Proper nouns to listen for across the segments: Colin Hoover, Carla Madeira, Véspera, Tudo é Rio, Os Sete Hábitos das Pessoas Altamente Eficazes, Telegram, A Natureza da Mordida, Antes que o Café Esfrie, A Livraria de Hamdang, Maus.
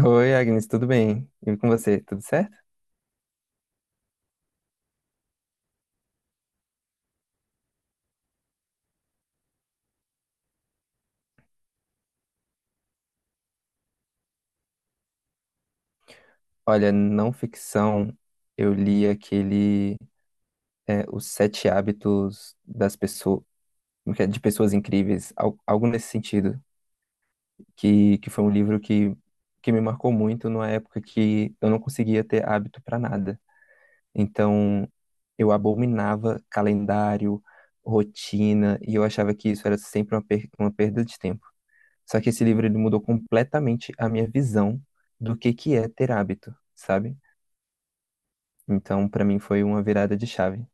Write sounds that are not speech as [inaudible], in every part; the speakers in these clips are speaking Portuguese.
Oi, Agnes, tudo bem? E com você, tudo certo? Olha, não ficção, eu li aquele Os Sete Hábitos das Pessoas, de Pessoas Incríveis, algo nesse sentido, que foi um livro que me marcou muito numa época que eu não conseguia ter hábito para nada. Então, eu abominava calendário, rotina, e eu achava que isso era sempre uma perda de tempo. Só que esse livro ele mudou completamente a minha visão do que é ter hábito, sabe? Então, pra mim foi uma virada de chave.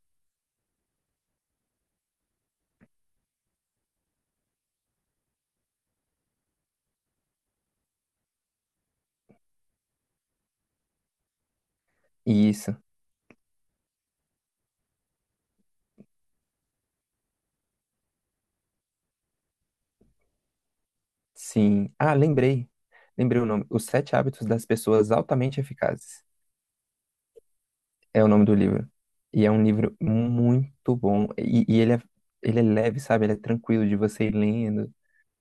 E isso, sim. Ah, lembrei. Lembrei o nome. Os Sete Hábitos das Pessoas Altamente Eficazes. É o nome do livro. E é um livro muito bom. E ele é leve, sabe? Ele é tranquilo de você ir lendo.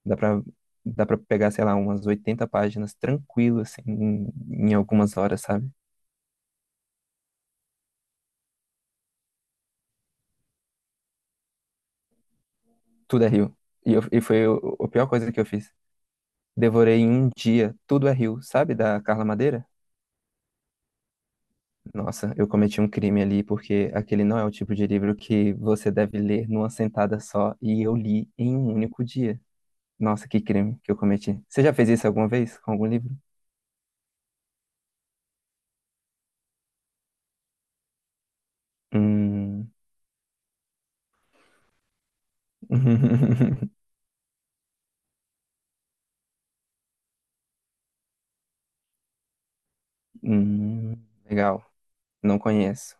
Dá pra, dá pra pegar, sei lá, umas 80 páginas tranquilo, assim, em algumas horas, sabe? Tudo é rio. E foi a pior coisa que eu fiz. Devorei em um dia Tudo é Rio, sabe, da Carla Madeira? Nossa, eu cometi um crime ali porque aquele não é o tipo de livro que você deve ler numa sentada só e eu li em um único dia. Nossa, que crime que eu cometi. Você já fez isso alguma vez com algum livro? Hum. [laughs] Hum, legal. Não conheço.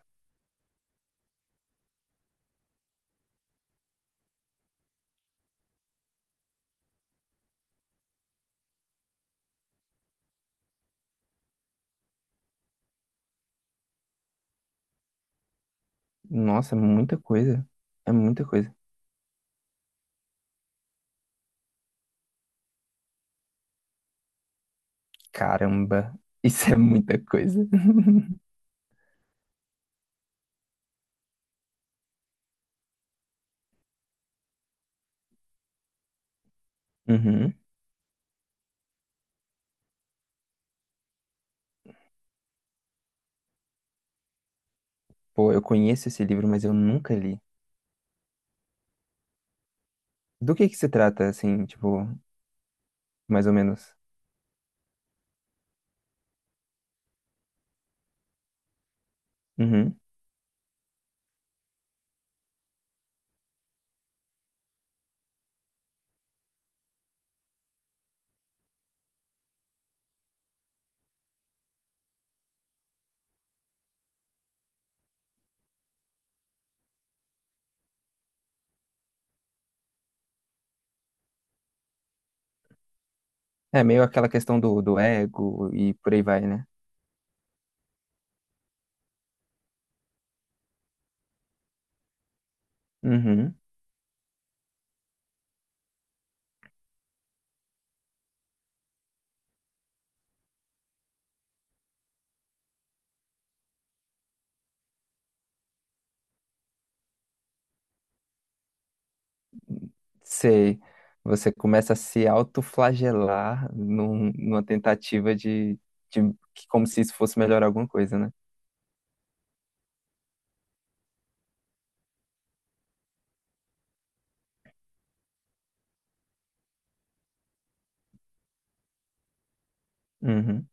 Nossa, é muita coisa. É muita coisa. Caramba, isso é muita coisa. [laughs] Uhum. Pô, eu conheço esse livro, mas eu nunca li. Do que se trata, assim, tipo, mais ou menos. Uhum. É meio aquela questão do ego e por aí vai, né? Uhum. Sei. Você começa a se autoflagelar numa tentativa de como se isso fosse melhorar alguma coisa, né? Uhum.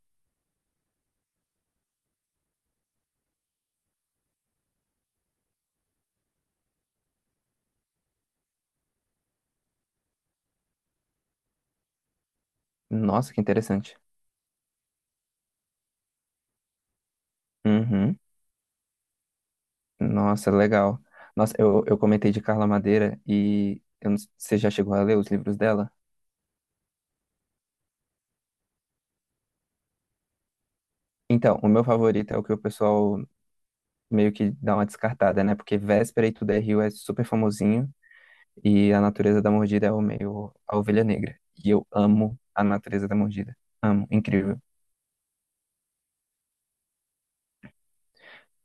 Nossa, que interessante. Uhum. Nossa, legal. Nossa, eu comentei de Carla Madeira e eu não- você já chegou a ler os livros dela? Então, o meu favorito é o que o pessoal meio que dá uma descartada, né? Porque Véspera e Tudo é Rio é super famosinho. E A Natureza da Mordida é o meio a ovelha negra. E eu amo A Natureza da Mordida. Amo Incrível.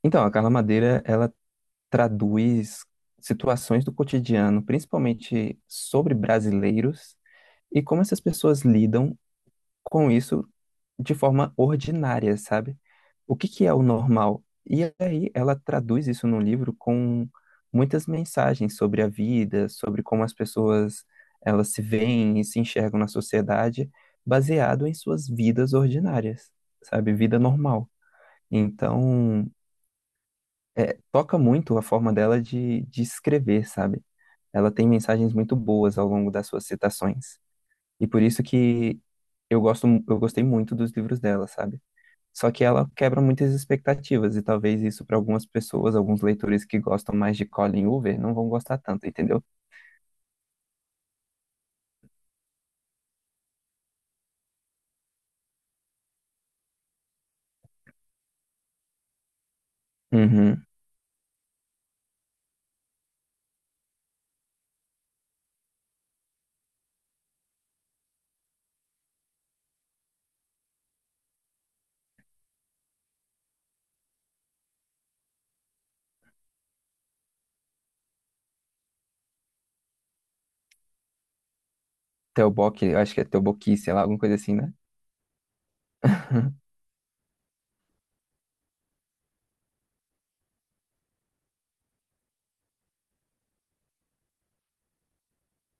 Então, a Carla Madeira, ela traduz situações do cotidiano, principalmente sobre brasileiros, e como essas pessoas lidam com isso de forma ordinária, sabe? O que que é o normal? E aí ela traduz isso num livro com muitas mensagens sobre a vida, sobre como as pessoas elas se veem e se enxergam na sociedade, baseado em suas vidas ordinárias, sabe? Vida normal. Então, toca muito a forma dela de escrever, sabe? Ela tem mensagens muito boas ao longo das suas citações. E por isso que eu gosto, eu gostei muito dos livros dela, sabe? Só que ela quebra muitas expectativas, e talvez isso para algumas pessoas, alguns leitores que gostam mais de Colin Hoover, não vão gostar tanto, entendeu? Uhum. Teobok, eu acho que é Teoboqui, sei lá, alguma coisa assim, né? [laughs]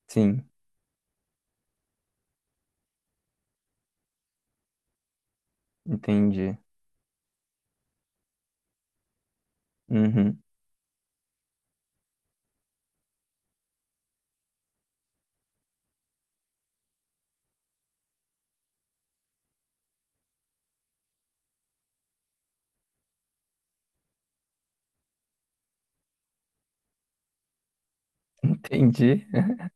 Sim, entendi. Uhum. Entendi. [laughs]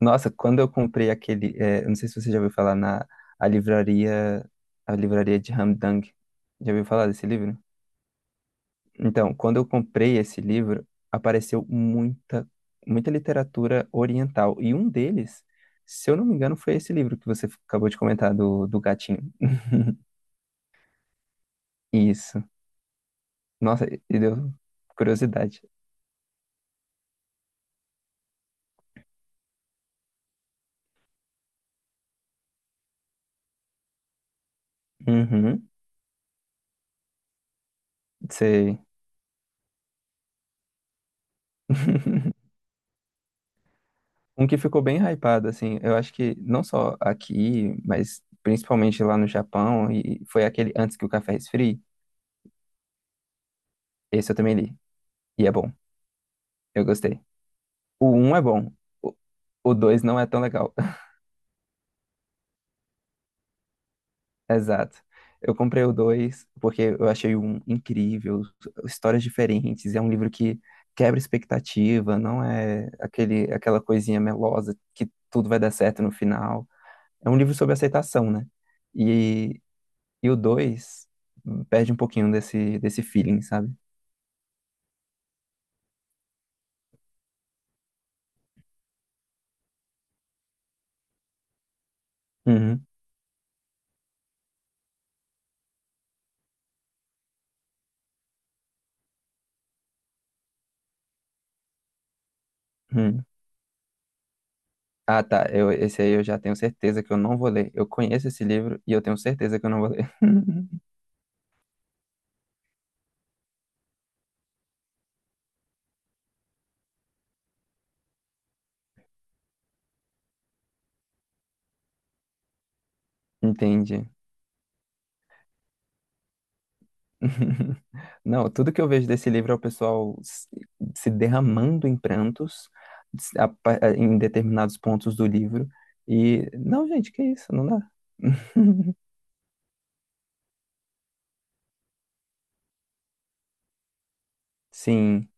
Nossa, quando eu comprei aquele, eu não sei se você já ouviu falar na a livraria, a livraria de Hamdang. Já ouviu falar desse livro? Então, quando eu comprei esse livro, apareceu muita, muita literatura oriental. E um deles, se eu não me engano, foi esse livro que você acabou de comentar, do gatinho. Isso. Nossa, e deu curiosidade. Uhum, sei. [laughs] Um que ficou bem hypado, assim, eu acho que não só aqui, mas principalmente lá no Japão, e foi aquele Antes que o Café Esfrie. Esse eu também li. E é bom. Eu gostei. O um é bom. O o 2 não é tão legal. Exato. Eu comprei o dois porque eu achei um incrível, histórias diferentes, é um livro que quebra expectativa, não é aquela coisinha melosa que tudo vai dar certo no final. É um livro sobre aceitação, né? E, e o dois perde um pouquinho desse feeling, sabe? Uhum, uhum. Ah, tá. Esse aí eu já tenho certeza que eu não vou ler. Eu conheço esse livro e eu tenho certeza que eu não vou ler. [laughs] Entendi. [laughs] Não, tudo que eu vejo desse livro é o pessoal se derramando em prantos em determinados pontos do livro. E, não, gente, que isso, não dá. [laughs] Sim,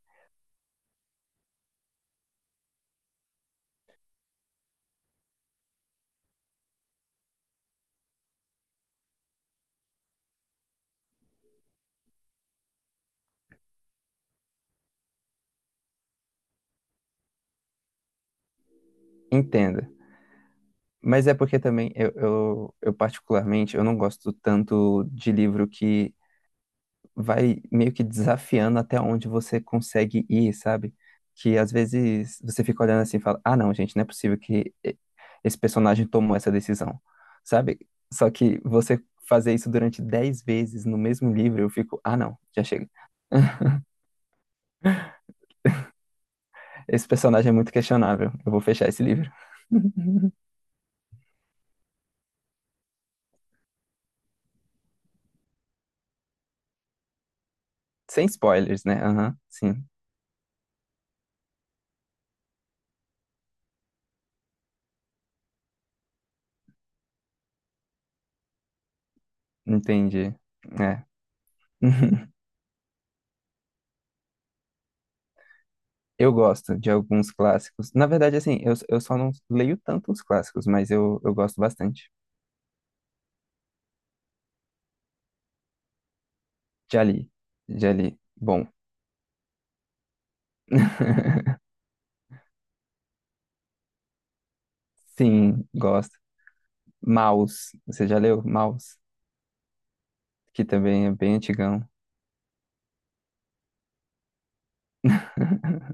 entenda. Mas é porque também eu particularmente, eu não gosto tanto de livro que vai meio que desafiando até onde você consegue ir, sabe? Que às vezes você fica olhando assim e fala: ah, não, gente, não é possível que esse personagem tomou essa decisão, sabe? Só que você fazer isso durante 10 vezes no mesmo livro, eu fico: ah, não, já chega. [laughs] Esse personagem é muito questionável, eu vou fechar esse livro. [laughs] Sem spoilers, né? Aham, sim, entendi. É. [laughs] Eu gosto de alguns clássicos. Na verdade, assim, eu só não leio tanto os clássicos, mas eu gosto bastante. Já li. Já li. Bom. [laughs] Sim, gosto. Maus. Você já leu Maus? Que também é bem antigão. [laughs]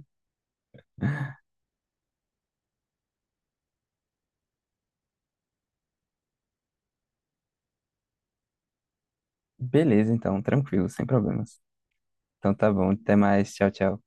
Beleza, então, tranquilo, sem problemas. Então tá bom, até mais. Tchau, tchau.